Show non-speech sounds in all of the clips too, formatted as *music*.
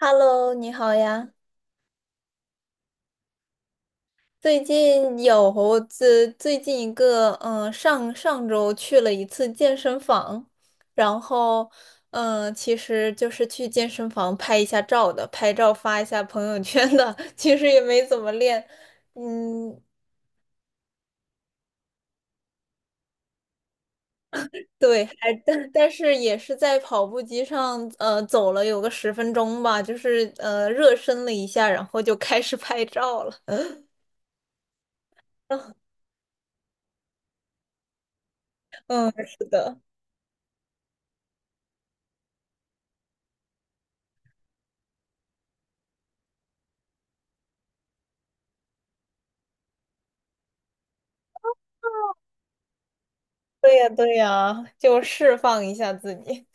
Hello，你好呀。最近有最近一个，上上周去了一次健身房，然后，其实就是去健身房拍一下照的，拍照发一下朋友圈的，*laughs* 其实也没怎么练，嗯，对，但是也是在跑步机上，走了有个10分钟吧，就是热身了一下，然后就开始拍照了，*laughs* 嗯，是的。对呀，对呀，就释放一下自己。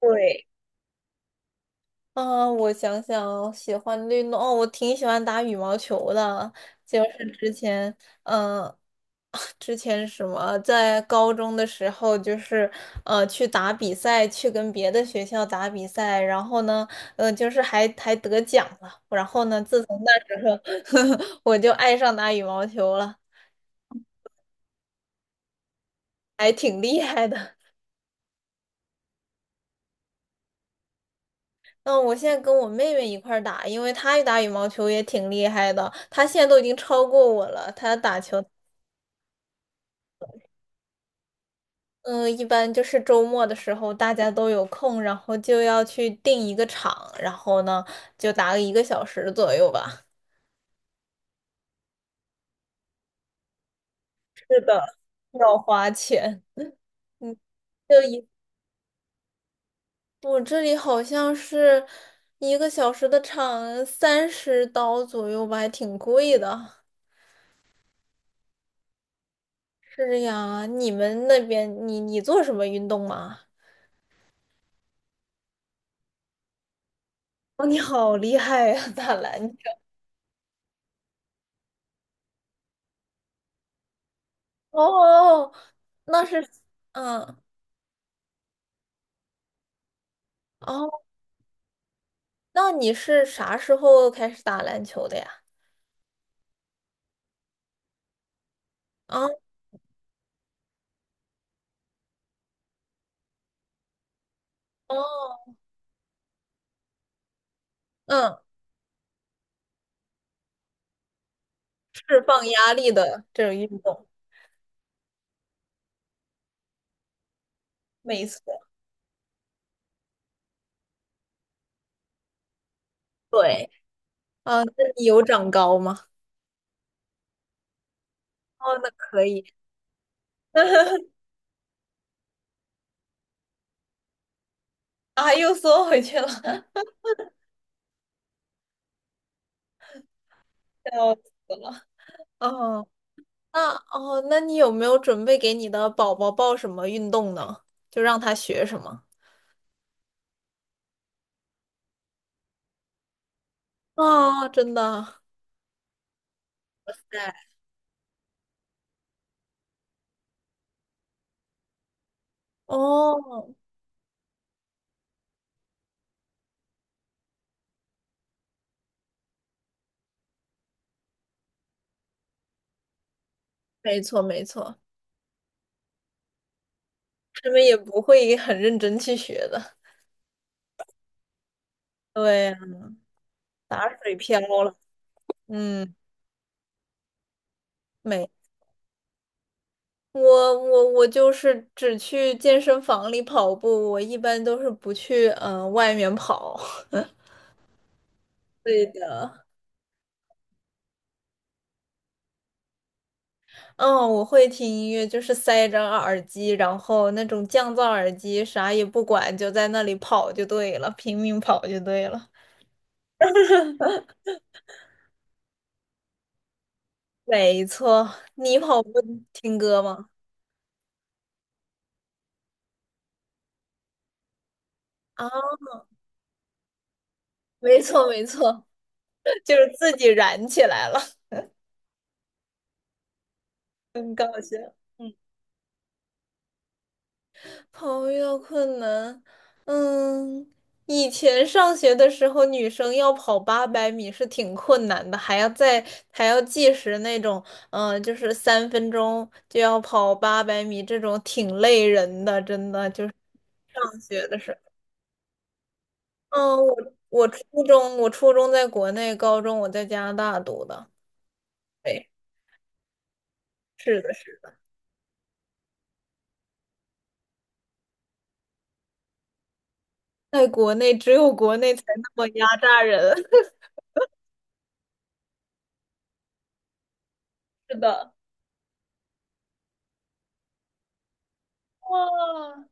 对，啊，我想想，喜欢的运动哦，我挺喜欢打羽毛球的，就是之前，嗯、*laughs* *sucks teeth* 之前什么，在高中的时候，就是去打比赛，去跟别的学校打比赛，然后呢，就是还得奖了，然后呢，自从那时候，*laughs* 我就爱上打羽毛球了，还挺厉害的。嗯，我现在跟我妹妹一块儿打，因为她打羽毛球也挺厉害的，她现在都已经超过我了。她打球，嗯，一般就是周末的时候大家都有空，然后就要去定一个场，然后呢就打个一个小时左右吧，要花钱。*laughs* 嗯，就一我这里好像是一个小时的场30刀左右吧，还挺贵的。是呀，你们那边你做什么运动吗？哦，你好厉害呀，打篮球。哦，那是，嗯，哦，那你是啥时候开始打篮球的呀？啊，哦，嗯，释放压力的这种运动，没错，对，啊，那你有长高吗？哦，那可以，*laughs* 啊，又缩回去了，笑死了。哦，那你有没有准备给你的宝宝报什么运动呢？就让他学什么？哦，真的，对，哦。没错没错，他们也不会很认真去学的。对呀，打水漂了。嗯，没，我我就是只去健身房里跑步，我一般都是不去外面跑。*laughs* 对的，嗯，我会听音乐，就是塞着耳机，然后那种降噪耳机，啥也不管，就在那里跑就对了，拼命跑就对了。没错，你跑步听歌吗？啊，没错没错，*laughs* 就是自己燃起来了。很搞笑。嗯，朋友遇到困难，嗯，以前上学的时候，女生要跑八百米是挺困难的，还要计时那种，就是3分钟就要跑八百米，这种挺累人的，真的就是上学的时候。嗯，我我初我初中在国内，高中我在加拿大读的。对，是的，是的，在国内只有国内才那么压榨人。*laughs* 是的。哇，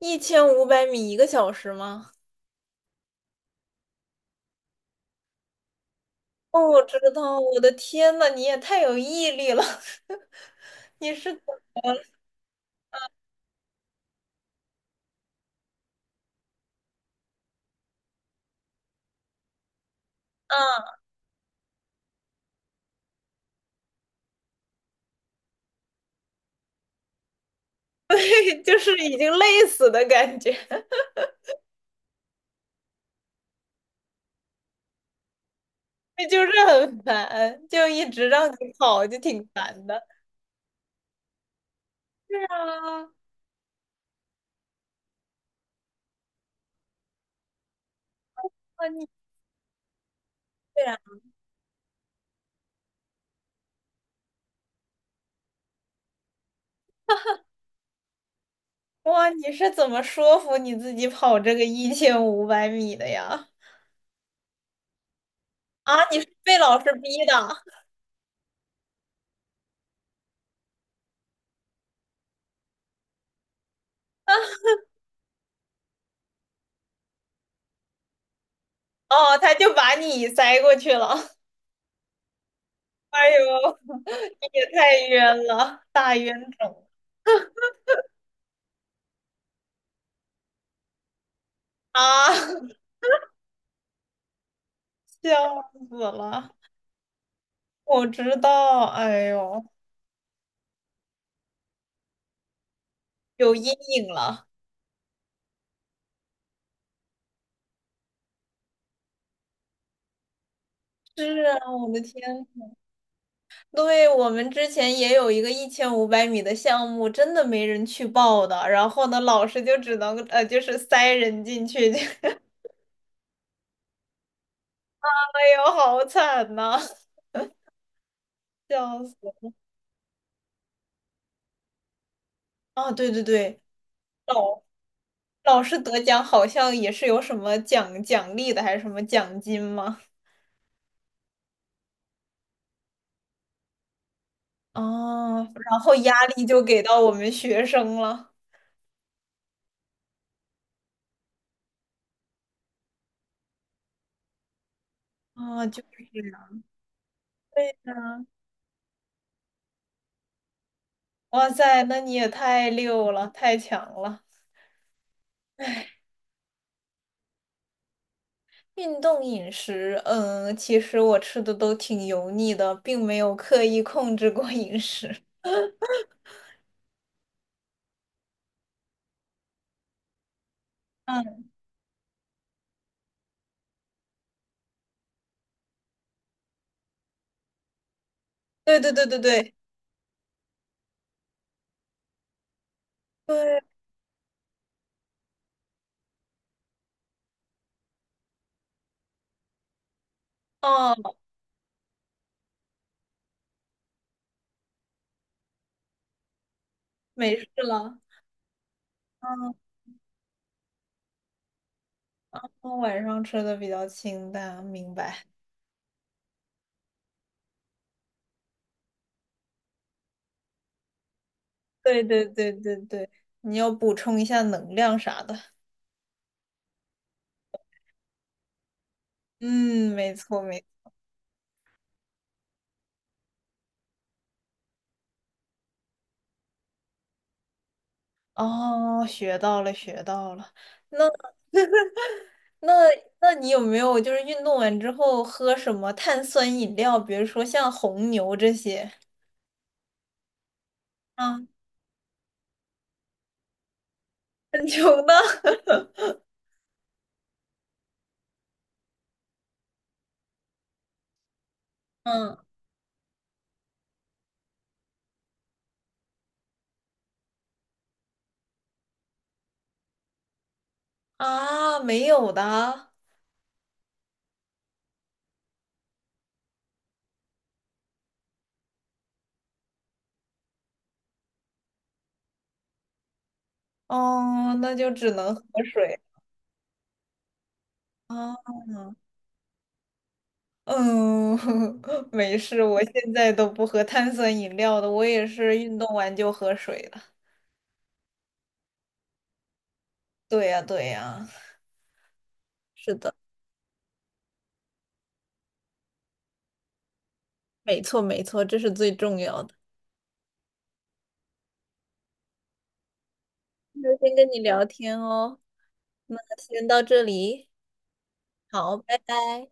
一千五百米一个小时吗？哦，我知道，我的天呐，你也太有毅力了！*laughs* 你是啊，*laughs* 对，就是已经累死的感觉，*laughs* 就是很烦，就一直让你跑，就挺烦的。是啊，啊你对啊，哇，你是怎么说服你自己跑这个一千五百米的呀？啊，你是被老师逼的？哦，他就把你塞过去了。*laughs* 哎呦，你也太冤了，大冤种啊！*laughs* 笑死了！我知道，哎呦，有阴影了。是啊，我的天，对，我们之前也有一个一千五百米的项目，真的没人去报的。然后呢，老师就只能就是塞人进去。*laughs* 哎呦，好惨呐、笑死！啊，对对对，老老师得奖好像也是有什么奖励的，还是什么奖金吗？哦，然后压力就给到我们学生了。啊，就是这样。哇塞，那你也太溜了，太强了！运动饮食，其实我吃的都挺油腻的，并没有刻意控制过饮食。*laughs* 嗯，对对对对对对，哦，没事了。嗯，我晚上吃的比较清淡，明白。对对对对对，你要补充一下能量啥的。嗯，没错没错。哦，学到了学到了。那 *laughs* 那那你有没有就是运动完之后喝什么碳酸饮料，比如说像红牛这些？啊，很穷的。嗯啊，没有的。哦，那就只能喝水啊。嗯，*laughs* 没事，我现在都不喝碳酸饮料的，我也是运动完就喝水了。对呀，对呀，是的，没错，没错，这是最重要的。那先跟你聊天哦，那先到这里，好，拜拜。